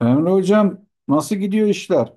Emre Hocam nasıl gidiyor işler?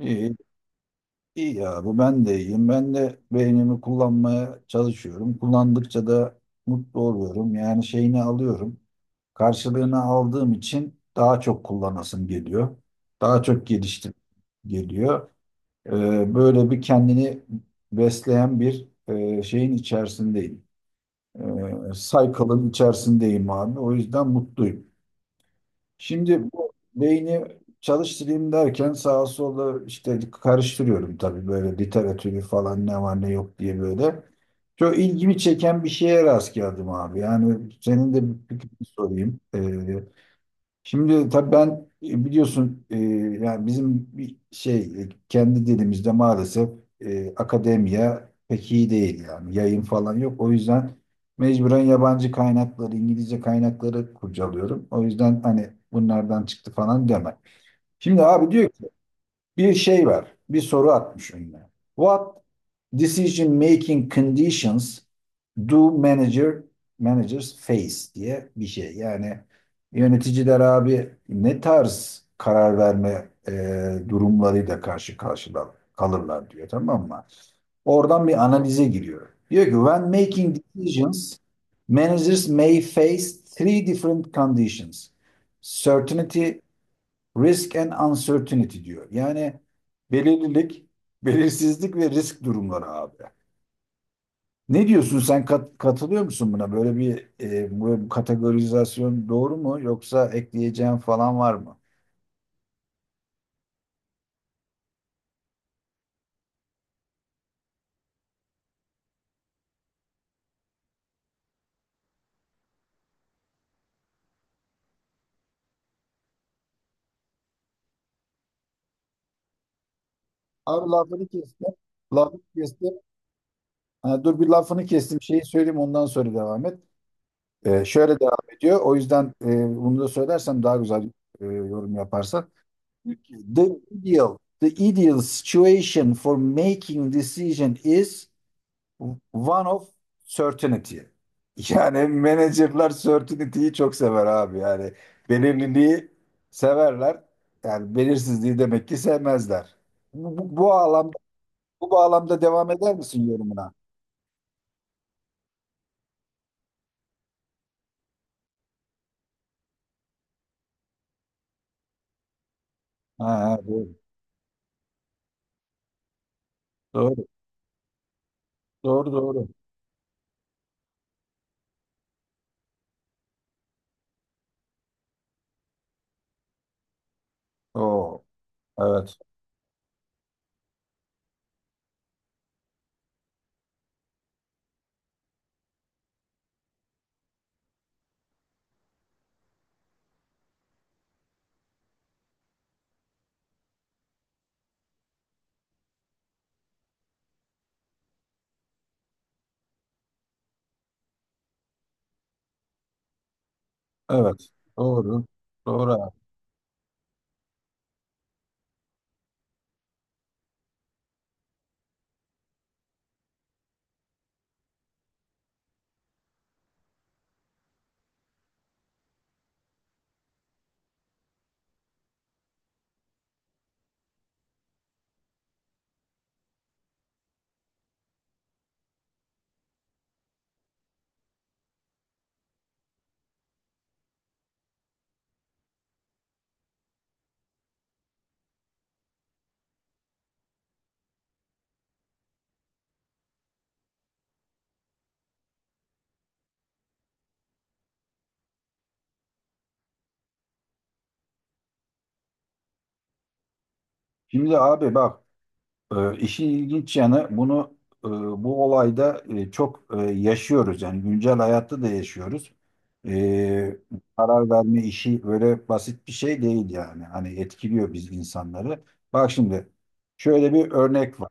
İyi, iyi ya bu ben de iyiyim. Ben de beynimi kullanmaya çalışıyorum. Kullandıkça da mutlu oluyorum. Yani şeyini alıyorum. Karşılığını aldığım için daha çok kullanasım geliyor. Daha çok geliştim geliyor. Böyle bir kendini besleyen bir şeyin içerisindeyim. Cycle'ın içerisindeyim abi. O yüzden mutluyum. Şimdi bu beyni çalıştırayım derken sağa sola işte karıştırıyorum, tabii böyle literatürü falan ne var ne yok diye böyle. Çok ilgimi çeken bir şeye rast geldim abi. Yani senin de bir fikrini sorayım. Şimdi tabii ben biliyorsun, yani bizim bir şey, kendi dilimizde maalesef akademiya pek iyi değil, yani yayın falan yok. O yüzden mecburen yabancı kaynakları, İngilizce kaynakları kurcalıyorum. O yüzden hani bunlardan çıktı falan deme. Şimdi abi diyor bir şey var. Bir soru atmış önüne. What decision making conditions do managers face diye bir şey. Yani yöneticiler abi ne tarz karar verme durumlarıyla karşı karşıya kalırlar diyor, tamam mı? Oradan bir analize giriyor. Diyor ki when making decisions managers may face three different conditions. Certainty, risk and uncertainty diyor. Yani belirlilik, belirsizlik ve risk durumları abi. Ne diyorsun sen, katılıyor musun buna? Böyle bir böyle kategorizasyon doğru mu, yoksa ekleyeceğin falan var mı? Abi lafını kestim. Lafını kestim. Ha, dur bir lafını kestim. Şeyi söyleyeyim ondan sonra devam et. Şöyle devam ediyor. O yüzden bunu da söylersem daha güzel yorum yaparsan. The the ideal situation for making decision is one of certainty. Yani menajerler certainty'yi çok sever abi. Yani belirliliği severler. Yani belirsizliği demek ki sevmezler. Bu, bu, bu bağlamda bu bağlamda devam eder misin yorumuna? Ha, ha, doğru. Doğru. Doğru doğru. Oo, evet. Evet. Doğru. Doğru abi. Şimdi abi bak. İşin ilginç yanı, bunu e, bu olayda çok yaşıyoruz, yani güncel hayatta da yaşıyoruz. Ee, Karar verme işi öyle basit bir şey değil yani. Hani etkiliyor biz insanları. Bak şimdi şöyle bir örnek var.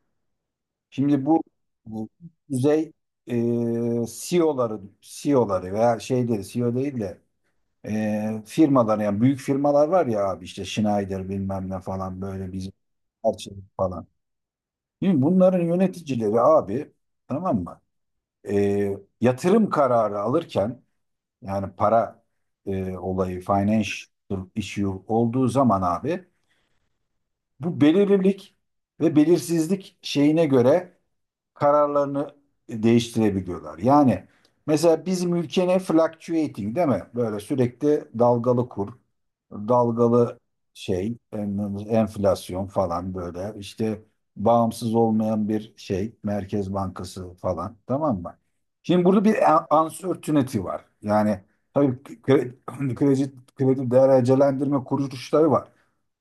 Şimdi bu düzey e, CEO'ları CEO'ları veya şeyleri, CEO değil de firmalar yani büyük firmalar var ya abi, işte Schneider bilmem ne falan, böyle bizim Arçelik falan. Şimdi bunların yöneticileri abi, tamam mı? Yatırım kararı alırken, yani para olayı financial issue olduğu zaman abi, bu belirlilik ve belirsizlik şeyine göre kararlarını değiştirebiliyorlar. Yani mesela bizim ülkenin fluctuating, değil mi? Böyle sürekli dalgalı kur, dalgalı şey, enflasyon falan, böyle işte bağımsız olmayan bir şey, Merkez Bankası falan, tamam mı? Şimdi burada bir uncertainty var. Yani tabii kredi, kredi, kredi derecelendirme kuruluşları var.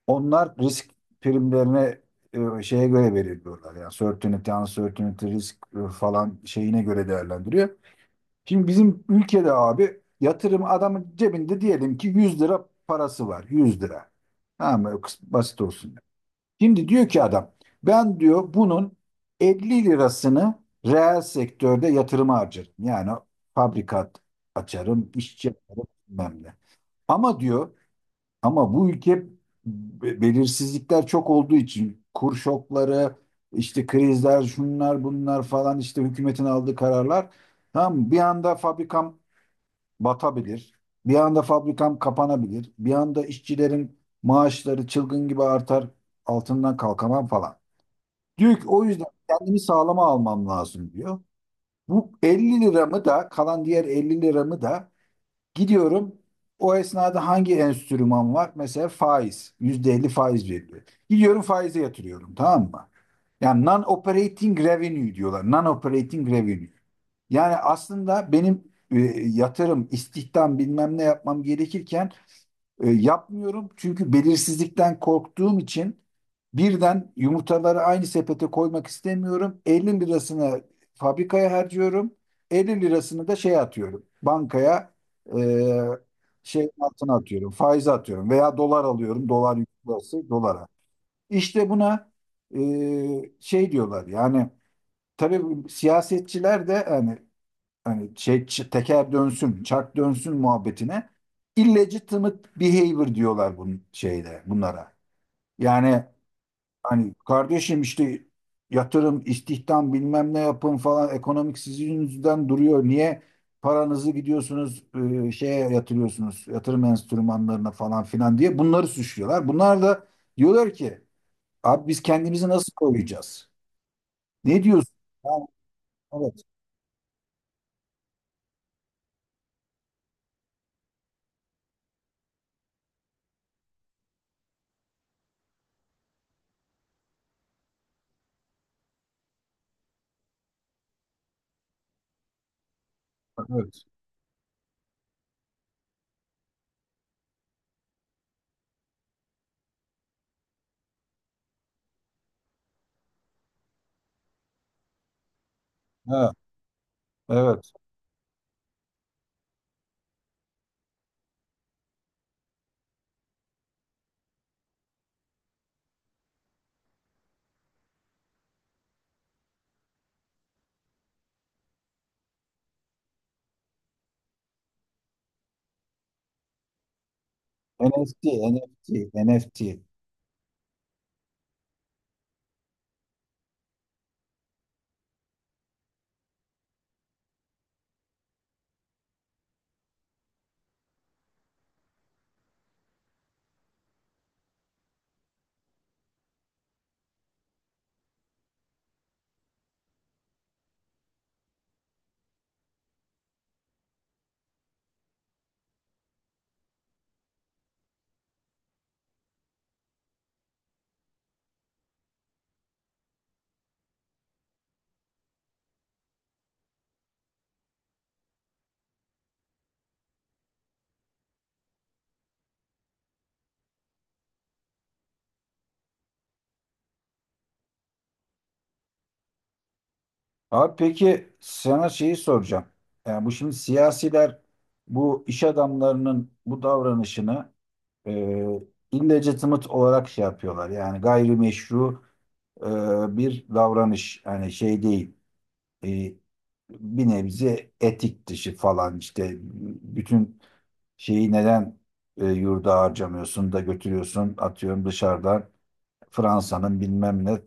Onlar risk primlerine şeye göre belirliyorlar. Yani certainty, uncertainty, risk falan şeyine göre değerlendiriyor. Şimdi bizim ülkede abi, yatırım adamın cebinde diyelim ki 100 lira parası var. 100 lira. Tamam mı? Basit olsun. Şimdi diyor ki adam, ben diyor bunun 50 lirasını reel sektörde yatırıma harcarım. Yani fabrikat açarım, işçi yaparım bilmem ne. Ama diyor, ama bu ülke belirsizlikler çok olduğu için kur şokları, işte krizler, şunlar bunlar falan, işte hükümetin aldığı kararlar. Tamam mı? Bir anda fabrikam batabilir. Bir anda fabrikam kapanabilir. Bir anda işçilerin maaşları çılgın gibi artar. Altından kalkamam falan. Diyor ki o yüzden kendimi sağlama almam lazım diyor. Bu 50 liramı da, kalan diğer 50 liramı da gidiyorum. O esnada hangi enstrüman var? Mesela faiz. %50 faiz veriliyor. Gidiyorum faize yatırıyorum. Tamam mı? Yani non-operating revenue diyorlar. Non-operating revenue. Yani aslında benim e, yatırım, istihdam bilmem ne yapmam gerekirken yapmıyorum, çünkü belirsizlikten korktuğum için birden yumurtaları aynı sepete koymak istemiyorum. 50 lirasını fabrikaya harcıyorum. 50 lirasını da şey atıyorum. Bankaya, e, şey, altına atıyorum. Faize atıyorum veya dolar alıyorum. Dolar yükselirse dolara. İşte buna e, şey diyorlar, yani tabii bu siyasetçiler de yani hani şey, teker dönsün, çark dönsün muhabbetine illegitimate behavior diyorlar bunun, şeyde, bunlara. Yani hani kardeşim, işte yatırım, istihdam bilmem ne yapın falan, ekonomik sizin yüzünden duruyor. Niye paranızı gidiyorsunuz şeye yatırıyorsunuz, yatırım enstrümanlarına falan filan diye bunları suçluyorlar. Bunlar da diyorlar ki abi biz kendimizi nasıl koruyacağız? Ne diyorsun? Ha, evet. Evet. Ha, evet. NFT, NFT, NFT. Abi peki sana şeyi soracağım. Yani bu şimdi siyasiler bu iş adamlarının bu davranışını e, illegitimate olarak şey yapıyorlar. Yani gayrimeşru e, bir davranış. Yani şey değil. e, Bir nebze etik dışı falan, işte bütün şeyi neden yurda harcamıyorsun da götürüyorsun atıyorum dışarıdan Fransa'nın bilmem ne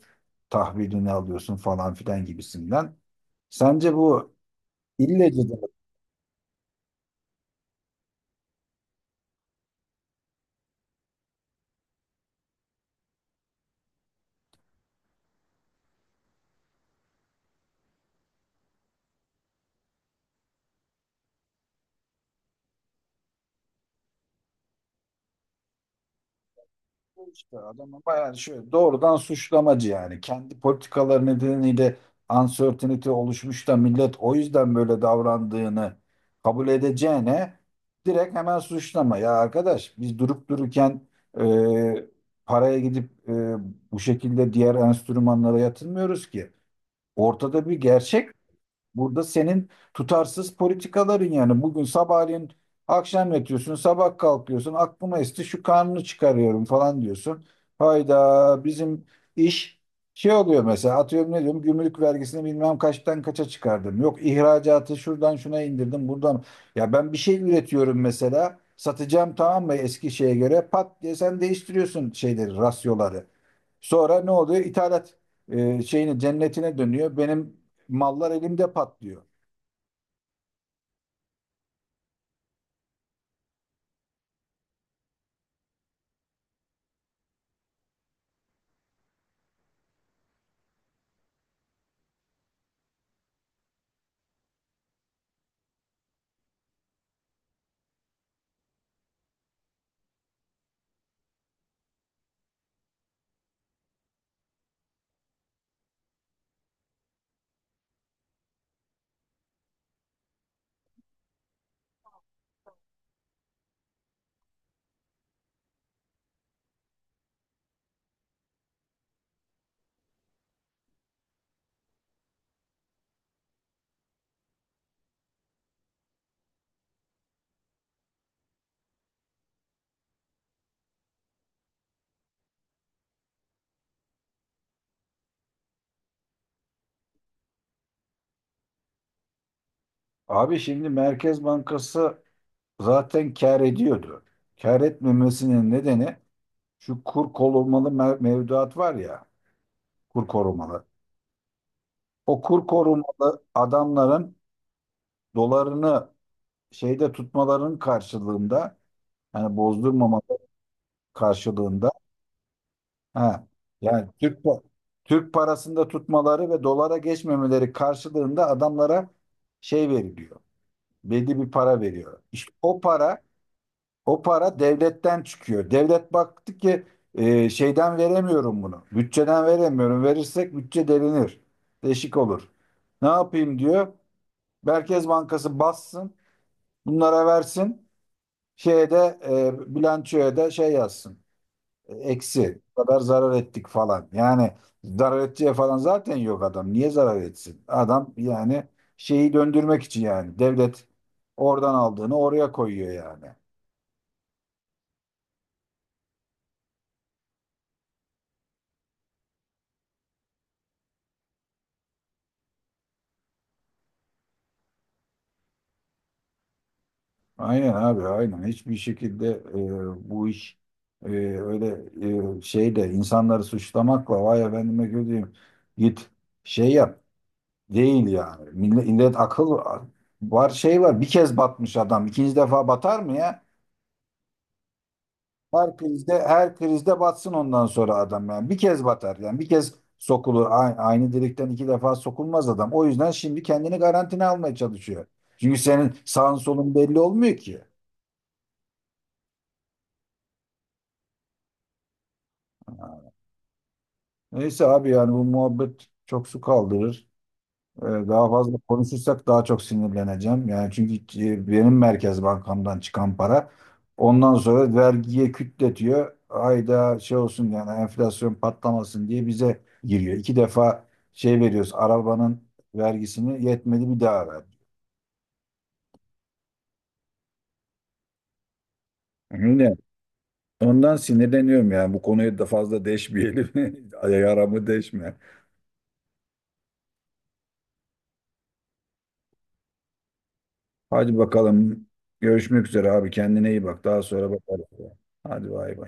tahvilini alıyorsun falan filan gibisinden. Sence bu illegitimacy, işte adamın bayağı şöyle doğrudan suçlamacı yani. Kendi politikaları nedeniyle uncertainty oluşmuş da millet o yüzden böyle davrandığını kabul edeceğine, direkt hemen suçlama. Ya arkadaş, biz durup dururken e, paraya gidip bu şekilde diğer enstrümanlara yatırmıyoruz ki. Ortada bir gerçek. Burada senin tutarsız politikaların, yani bugün sabahleyin akşam yatıyorsun, sabah kalkıyorsun, aklıma esti şu kanunu çıkarıyorum falan diyorsun. Hayda, bizim iş şey oluyor, mesela atıyorum ne diyorum, gümrük vergisini bilmem kaçtan kaça çıkardım. Yok ihracatı şuradan şuna indirdim buradan. Ya ben bir şey üretiyorum mesela, satacağım tamam mı eski şeye göre, pat diye sen değiştiriyorsun şeyleri, rasyoları. Sonra ne oluyor? İthalat şeyine, cennetine dönüyor. Benim mallar elimde patlıyor. Abi şimdi Merkez Bankası zaten kâr ediyordu. Kâr etmemesinin nedeni şu kur korumalı mevduat var ya, kur korumalı. O kur korumalı adamların dolarını şeyde tutmaların karşılığında, yani bozdurmamaları karşılığında, ha yani Türk parasında tutmaları ve dolara geçmemeleri karşılığında adamlara şey veriliyor. Belli bir para veriyor. İşte o para devletten çıkıyor. Devlet baktı ki şeyden veremiyorum bunu. Bütçeden veremiyorum. Verirsek bütçe delinir. Deşik olur. Ne yapayım diyor. Merkez Bankası bassın. Bunlara versin. Şeye de, bilançoya da şey yazsın. Eksi. Bu kadar zarar ettik falan. Yani zarar edeceği falan zaten yok adam. Niye zarar etsin? Adam yani şeyi döndürmek için yani. Devlet oradan aldığını oraya koyuyor yani. Aynen abi, aynen. Hiçbir şekilde bu iş e, öyle şeyde insanları suçlamakla, vay efendime gözüyüm, git şey yap değil yani. Millet, millet akıl var, şey var, bir kez batmış adam ikinci defa batar mı ya? Her krizde her krizde batsın ondan sonra adam, yani bir kez batar, yani bir kez sokulur, aynı delikten iki defa sokulmaz adam. O yüzden şimdi kendini garantine almaya çalışıyor. Çünkü senin sağın solun belli olmuyor ki. Neyse abi, yani bu muhabbet çok su kaldırır. Daha fazla konuşursak daha çok sinirleneceğim. Yani çünkü benim Merkez Bankam'dan çıkan para ondan sonra vergiye kütletiyor. Ayda şey olsun yani, enflasyon patlamasın diye bize giriyor. İki defa şey veriyoruz, arabanın vergisini yetmedi bir daha ver. Öyle. Ondan sinirleniyorum, yani bu konuya da fazla deşmeyelim. Yaramı deşme. Hadi bakalım. Görüşmek üzere abi. Kendine iyi bak. Daha sonra bakarız. Hadi bay bay.